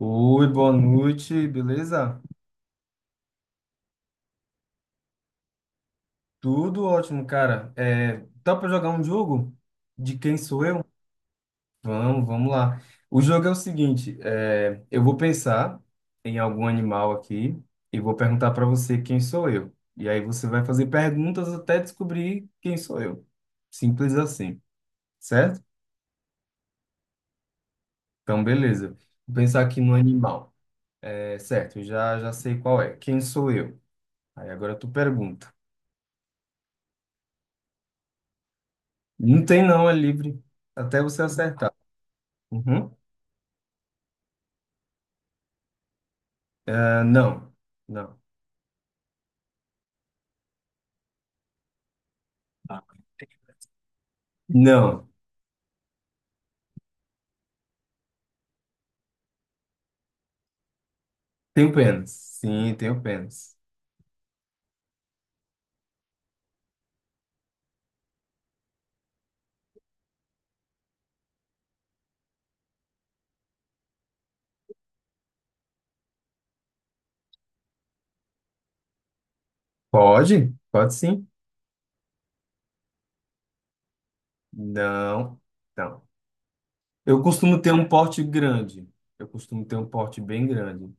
Oi, boa noite, beleza? Tudo ótimo, cara. É, tá pra jogar um jogo? De quem sou eu? Vamos, vamos lá. O jogo é o seguinte: eu vou pensar em algum animal aqui e vou perguntar pra você quem sou eu. E aí você vai fazer perguntas até descobrir quem sou eu. Simples assim, certo? Então, beleza. Vou pensar aqui no animal. É certo, eu já sei qual é. Quem sou eu? Aí agora tu pergunta. Não tem não, é livre. Até você acertar. Uhum. Ah, não, não, tá. Não. Tenho pênis. Sim, tenho pênis. Pode? Pode sim. Não, não. Eu costumo ter um porte grande. Eu costumo ter um porte bem grande.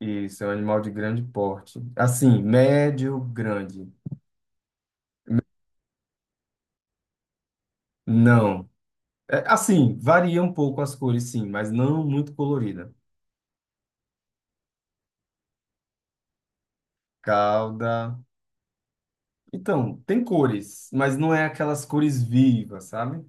Isso, é um animal de grande porte. Assim, médio, grande. Não. É, assim, varia um pouco as cores, sim, mas não muito colorida. Cauda. Então, tem cores, mas não é aquelas cores vivas, sabe?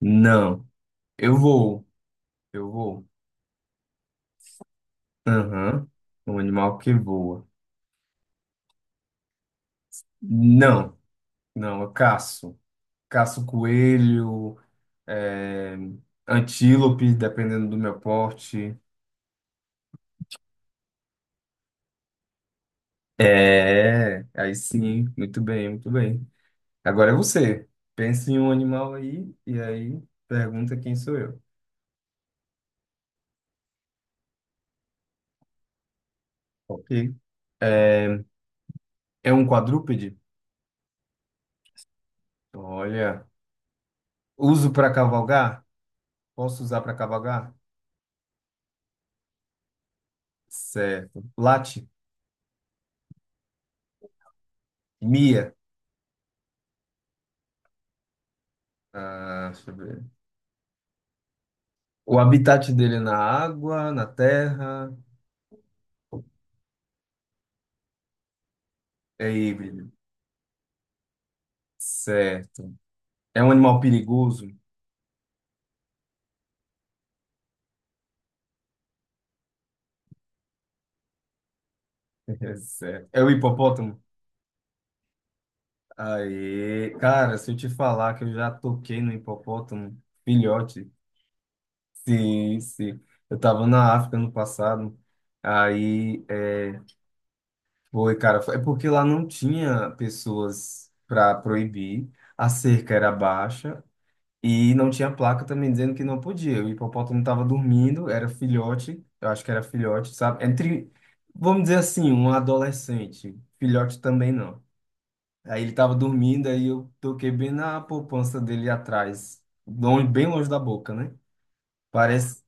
Não. Eu vou. Eu vou. Aham. Um animal que voa. Não, não, eu caço. Caço coelho, é, antílope, dependendo do meu porte. É, aí sim, muito bem, muito bem. Agora é você. Pense em um animal aí e aí pergunta quem sou eu. Ok. É é um quadrúpede? Olha. Uso para cavalgar? Posso usar para cavalgar? Certo. Late? Mia? Ah, deixa eu ver. O habitat dele é na água, na terra, é híbrido. Certo. É um animal perigoso? Certo. É o hipopótamo? Aí, cara, se eu te falar que eu já toquei no hipopótamo, filhote. Sim, sim. Eu tava na África no passado. Aí, foi, cara, é porque lá não tinha pessoas para proibir. A cerca era baixa, e não tinha placa também dizendo que não podia. O hipopótamo estava dormindo, era filhote, eu acho que era filhote, sabe? Entre, vamos dizer assim, um adolescente. Filhote também não. Aí ele estava dormindo, aí eu toquei bem na poupança dele atrás, longe- bem longe da boca, né? Parece.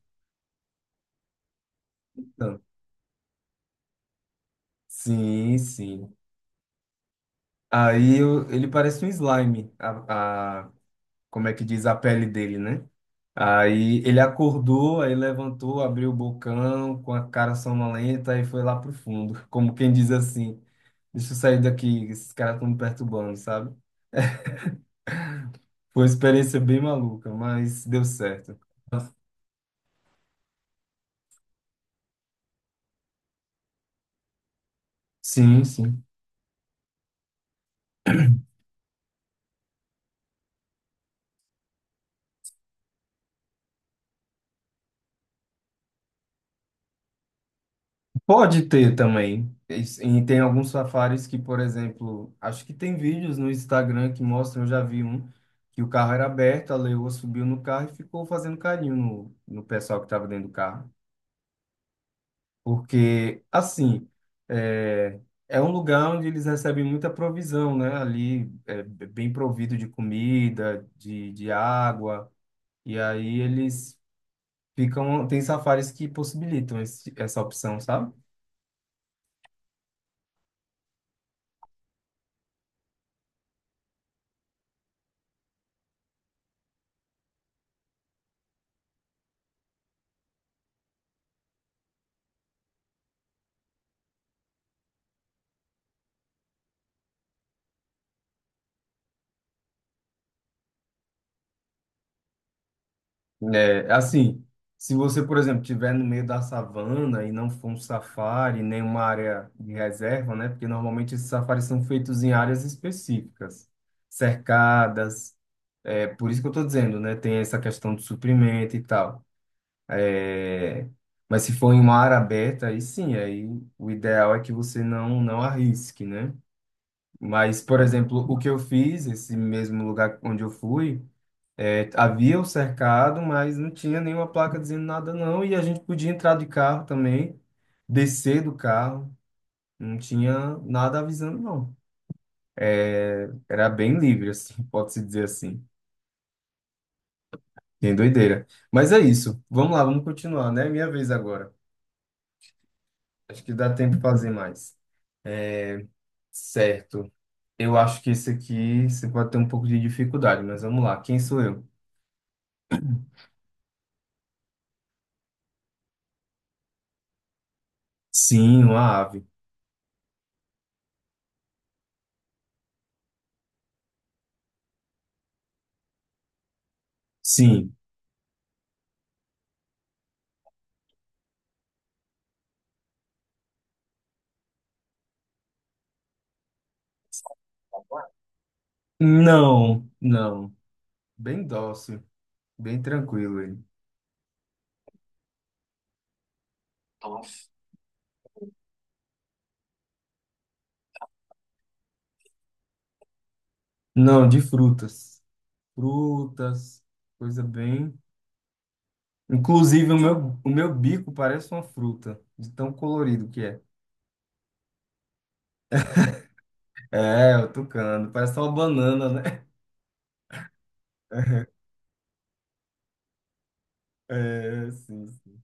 Não. Sim, sim. Aí ele parece um slime, como é que diz a pele dele, né? Aí ele acordou, aí levantou, abriu o bocão com a cara sonolenta e foi lá pro fundo, como quem diz assim: deixa eu sair daqui, esses caras estão me perturbando, sabe? Foi uma experiência bem maluca, mas deu certo. Sim, sim. Pode ter também. E tem alguns safaris que, por exemplo, acho que tem vídeos no Instagram que mostram, eu já vi um, que o carro era aberto, a leoa subiu no carro e ficou fazendo carinho no pessoal que estava dentro do carro. Porque, assim, é, é, um lugar onde eles recebem muita provisão, né? Ali é bem provido de comida, de água, e aí eles ficam. Tem safaris que possibilitam essa opção, sabe? É, assim, se você, por exemplo, estiver no meio da savana e não for um safari, nem uma área de reserva, né? Porque normalmente esses safaris são feitos em áreas específicas, cercadas. É, por isso que eu estou dizendo, né? Tem essa questão do suprimento e tal. É, mas se for em uma área aberta, aí sim, aí o ideal é que você não arrisque, né? Mas, por exemplo, o que eu fiz, esse mesmo lugar onde eu fui, havia o cercado, mas não tinha nenhuma placa dizendo nada, não. E a gente podia entrar de carro também, descer do carro, não tinha nada avisando, não. É, era bem livre, assim, pode-se dizer assim. Tem doideira. Mas é isso. Vamos lá, vamos continuar, né? É minha vez agora. Acho que dá tempo de fazer mais. É, certo. Eu acho que esse aqui você pode ter um pouco de dificuldade, mas vamos lá. Quem sou eu? Sim, uma ave. Sim. Não, não. Bem dócil. Bem tranquilo ele. Nossa. Não, de frutas. Frutas, coisa bem. Inclusive, o meu bico parece uma fruta, de tão colorido que é. É, o tucano, parece uma banana, né? É, sim. Sim.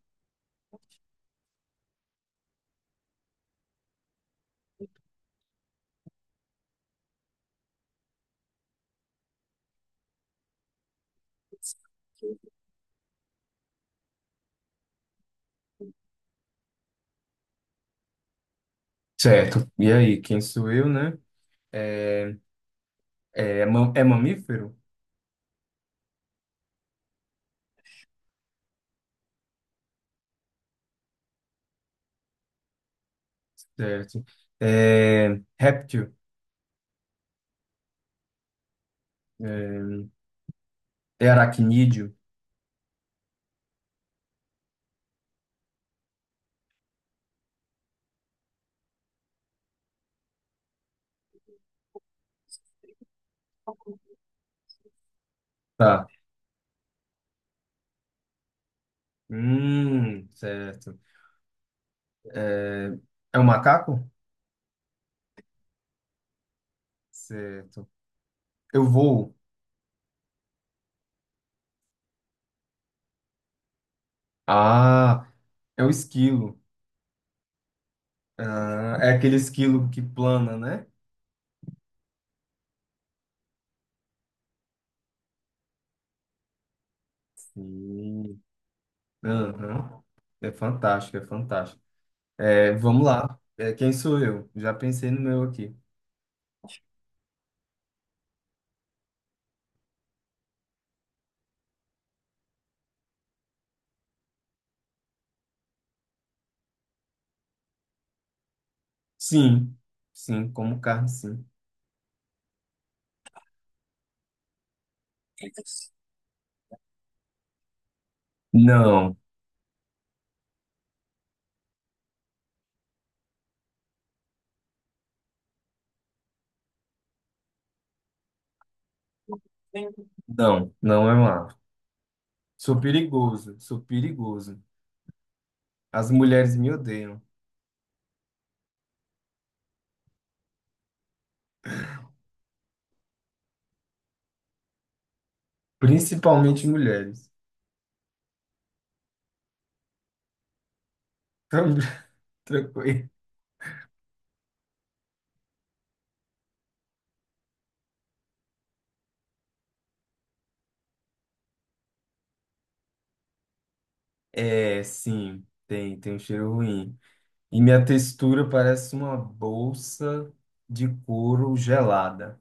Certo. E aí, quem sou eu, né? É, é mamífero? Certo. É, réptil? É, é aracnídeo? Tá. Certo. É, é um macaco? Certo. Eu vou. Ah, é o esquilo. Ah, é aquele esquilo que plana, né? Sim. Aham. É fantástico, é fantástico. É, vamos lá. É, quem sou eu? Já pensei no meu aqui. Sim, sim, como carne, sim. Não, não, não é um ave. Sou perigoso, sou perigoso. As mulheres me odeiam, principalmente mulheres. Tran- Tranquilo. É, sim, tem um cheiro ruim. E minha textura parece uma bolsa de couro gelada.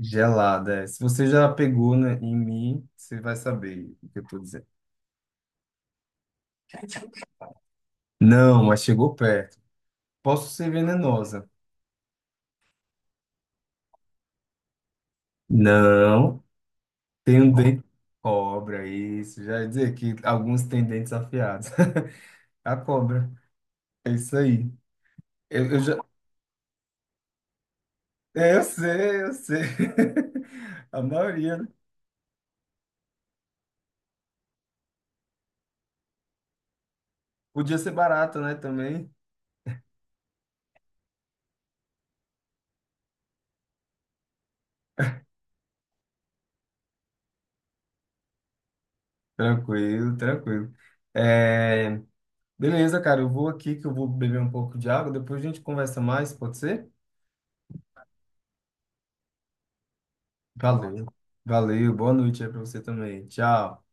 Gelada. É. Se você já pegou, né, em mim, você vai saber o que eu tô dizendo. Não, mas chegou perto. Posso ser venenosa. Não, tem um dente. Cobra, isso. Já ia dizer que alguns têm dentes afiados. A cobra. É isso aí. Eu já. Eu sei, eu sei. A maioria, né? Podia ser barata, né? Também. Tranquilo, tranquilo. É, Beleza, cara, eu vou aqui que eu vou beber um pouco de água, depois a gente conversa mais, pode ser? Valeu. Valeu, boa noite aí pra você também. Tchau.